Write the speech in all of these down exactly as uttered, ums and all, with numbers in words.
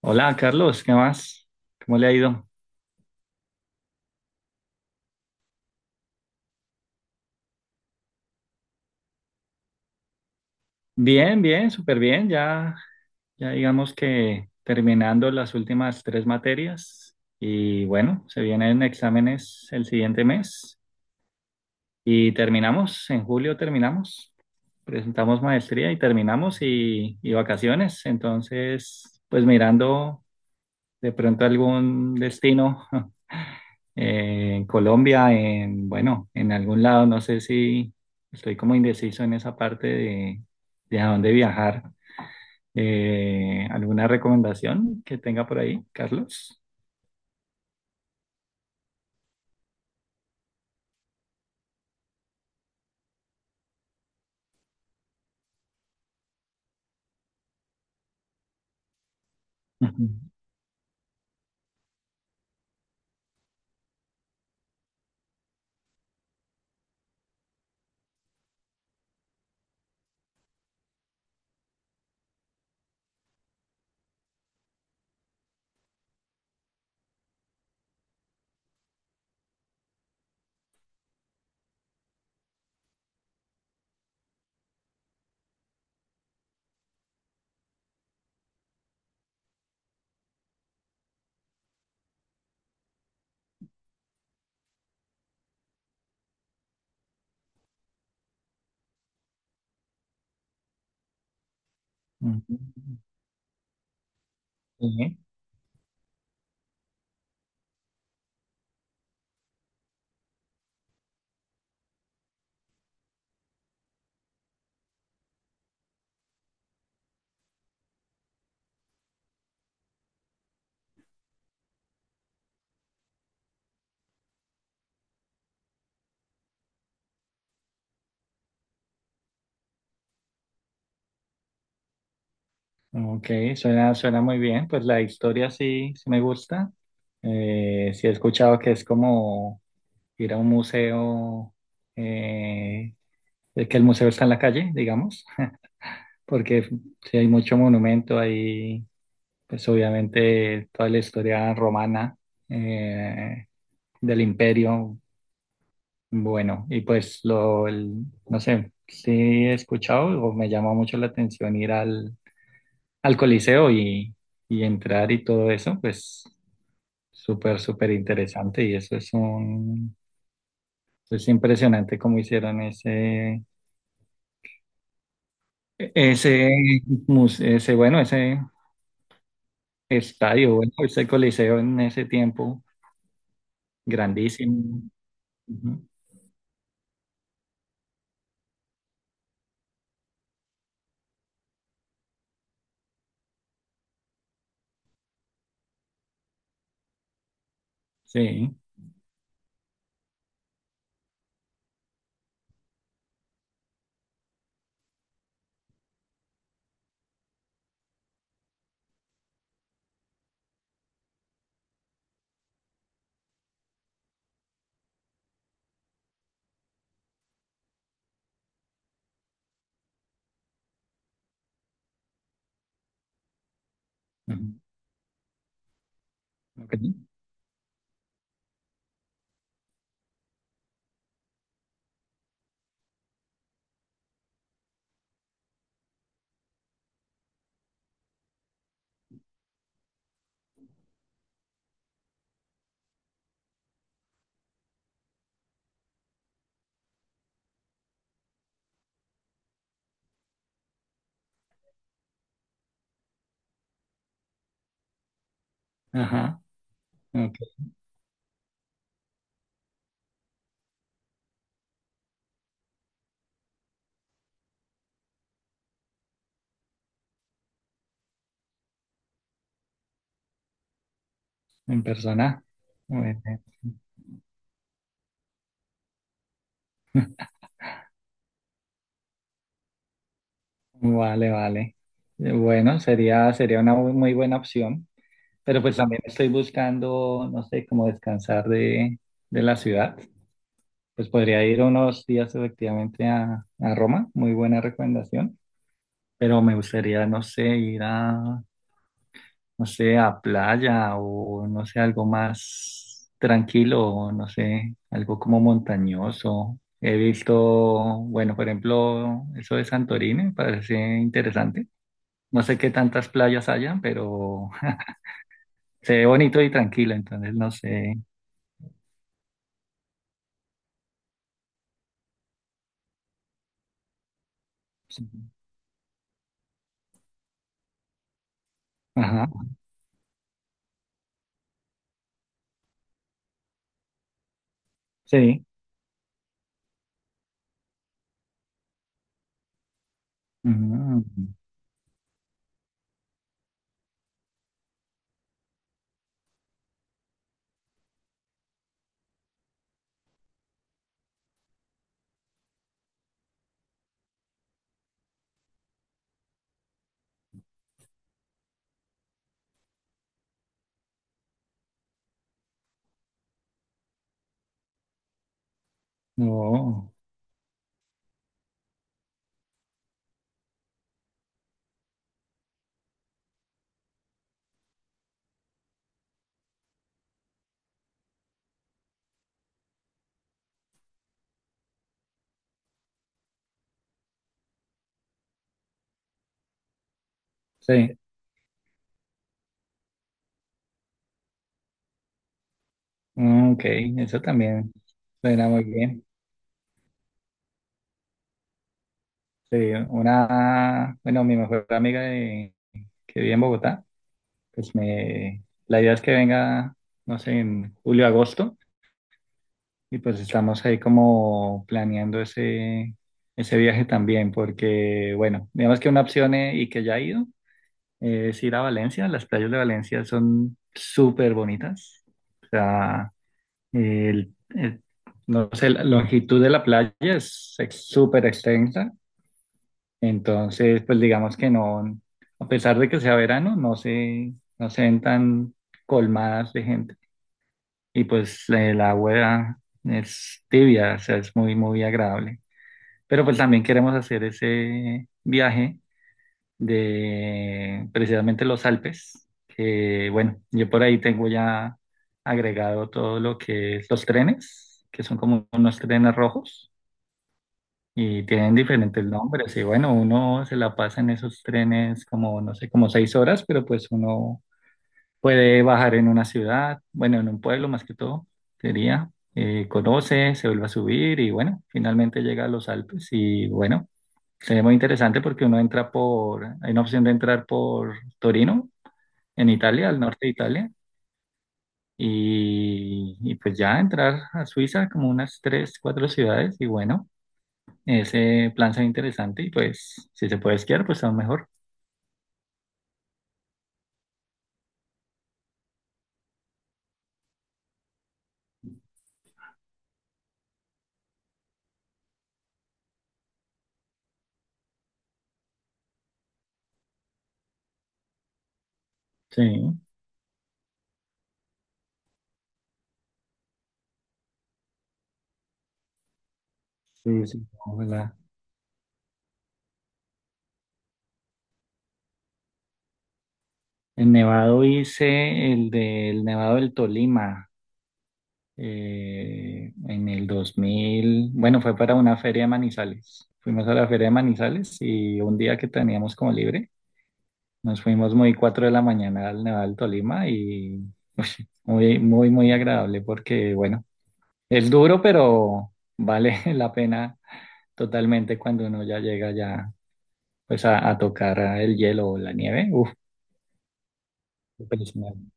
Hola, Carlos, ¿qué más? ¿Cómo le ha ido? Bien, bien, súper bien. Ya, ya digamos que terminando las últimas tres materias y bueno, se vienen exámenes el siguiente mes y terminamos, en julio terminamos, presentamos maestría y terminamos y, y vacaciones. Entonces, pues mirando de pronto algún destino eh, en Colombia, en, bueno, en algún lado, no sé si estoy como indeciso en esa parte de, de a dónde viajar. Eh, ¿alguna recomendación que tenga por ahí, Carlos? Ujú, ujú. Sí. Ok, suena, suena muy bien. Pues la historia sí, sí me gusta. Eh, sí he escuchado que es como ir a un museo, eh, de que el museo está en la calle, digamos, porque sí hay mucho monumento ahí, pues obviamente toda la historia romana, eh, del imperio, bueno, y pues lo, el- no sé, sí he escuchado o me llamó mucho la atención ir al, al Coliseo y, y entrar y todo eso. Pues súper, súper interesante y eso es un, es impresionante cómo hicieron ese, ese, muse- ese, bueno, ese estadio, bueno, ese Coliseo en ese tiempo. Grandísimo. Ujú. Sí. Ujú, ok. Ajá, ok, en persona. Bueno, vale, vale. Eh, Bueno, sería, sería una muy muy buena opción, pero pues también estoy buscando, no sé, cómo descansar de, de la ciudad. Pues podría ir unos días efectivamente a, a Roma, muy buena recomendación, pero me gustaría, no sé, ir a, no sé, a playa o no sé, algo más tranquilo, o no sé, algo como montañoso. He visto, bueno, por ejemplo, eso de Santorini, me parece interesante. No sé qué tantas playas hayan, pero se ve bonito y tranquilo, entonces no sé. Sí. Ajá, sí. Mm, no, sí. Mm, ok, eso también suena muy bien. Sí, una, bueno, mi mejor amiga de, que vive en Bogotá. Pues me, la idea es que venga, no sé, en julio, agosto, y pues estamos ahí como planeando ese, ese viaje también, porque, bueno, digamos que una opción eh, y que ya he ido, eh, es ir a Valencia. Las playas de Valencia son súper bonitas, o sea, el, el- no sé, la longitud de la playa es ex- súper extensa. Entonces, pues digamos que no, a pesar de que sea verano, no se, no se ven tan colmadas de gente. Y pues eh, el agua es tibia, o sea, es muy, muy agradable. Pero pues también queremos hacer ese viaje, de precisamente los Alpes, que bueno, yo por ahí tengo ya agregado todo lo que es los trenes, que son como unos trenes rojos. Y tienen diferentes nombres, y bueno, uno se la pasa en esos trenes como, no sé, como seis horas, pero pues uno puede bajar en una ciudad, bueno, en un pueblo más que todo, sería. Eh, conoce, se vuelve a subir y bueno, finalmente llega a los Alpes y bueno, se ve muy interesante porque uno entra por, hay una opción de entrar por Torino, en Italia, al norte de Italia, y, y pues ya entrar a Suiza, como unas tres, cuatro ciudades y bueno, ese plan se ve interesante y pues si se puede esquiar, pues aún mejor. Sí, sí, sí, ojalá. El Nevado, hice el del Nevado del Tolima eh, en el dos mil. Bueno, fue para una feria de Manizales. Fuimos a la feria de Manizales y un día que teníamos como libre, nos fuimos muy cuatro de la mañana al Nevado del Tolima y uy, muy, muy, muy agradable porque, bueno, es duro, pero vale la pena totalmente cuando uno ya llega, ya pues a, a tocar el hielo o la nieve. Uf, impresionante.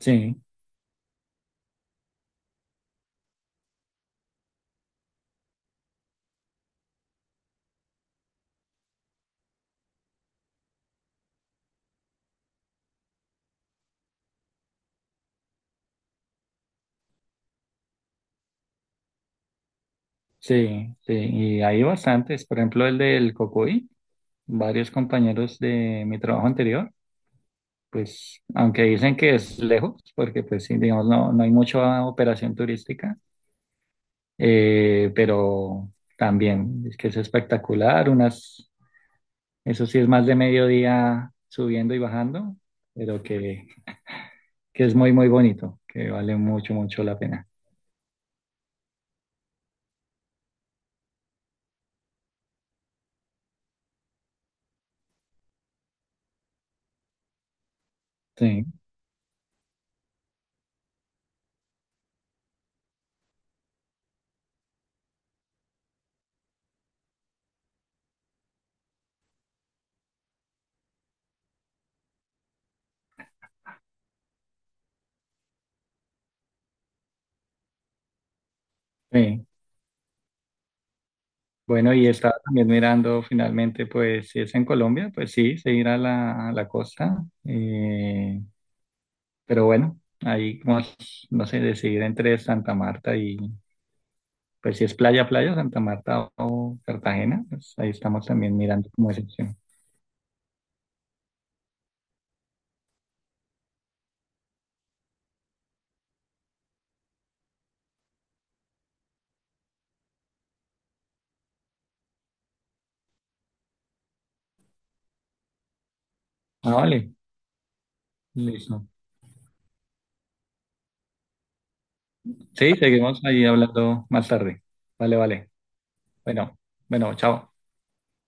Sí. Sí, sí, y hay bastantes, por ejemplo el del Cocuy. Varios compañeros de mi trabajo anterior, pues aunque dicen que es lejos, porque pues sí, digamos, no, no hay mucha operación turística, eh, pero también es que es espectacular. Unas, eso sí es más de mediodía subiendo y bajando, pero que, que es muy, muy bonito, que vale mucho, mucho la pena. Sí, sí. Bueno, y estaba también mirando finalmente, pues si es en Colombia, pues sí, se irá a la, a la costa. eh, pero bueno, ahí como, es, no sé, decidir entre Santa Marta y, pues si es playa, playa, Santa Marta o Cartagena, pues ahí estamos también mirando como esa opción. Ah, vale, listo. Sí, seguimos ahí hablando más tarde. Vale, vale. Bueno, bueno, chao.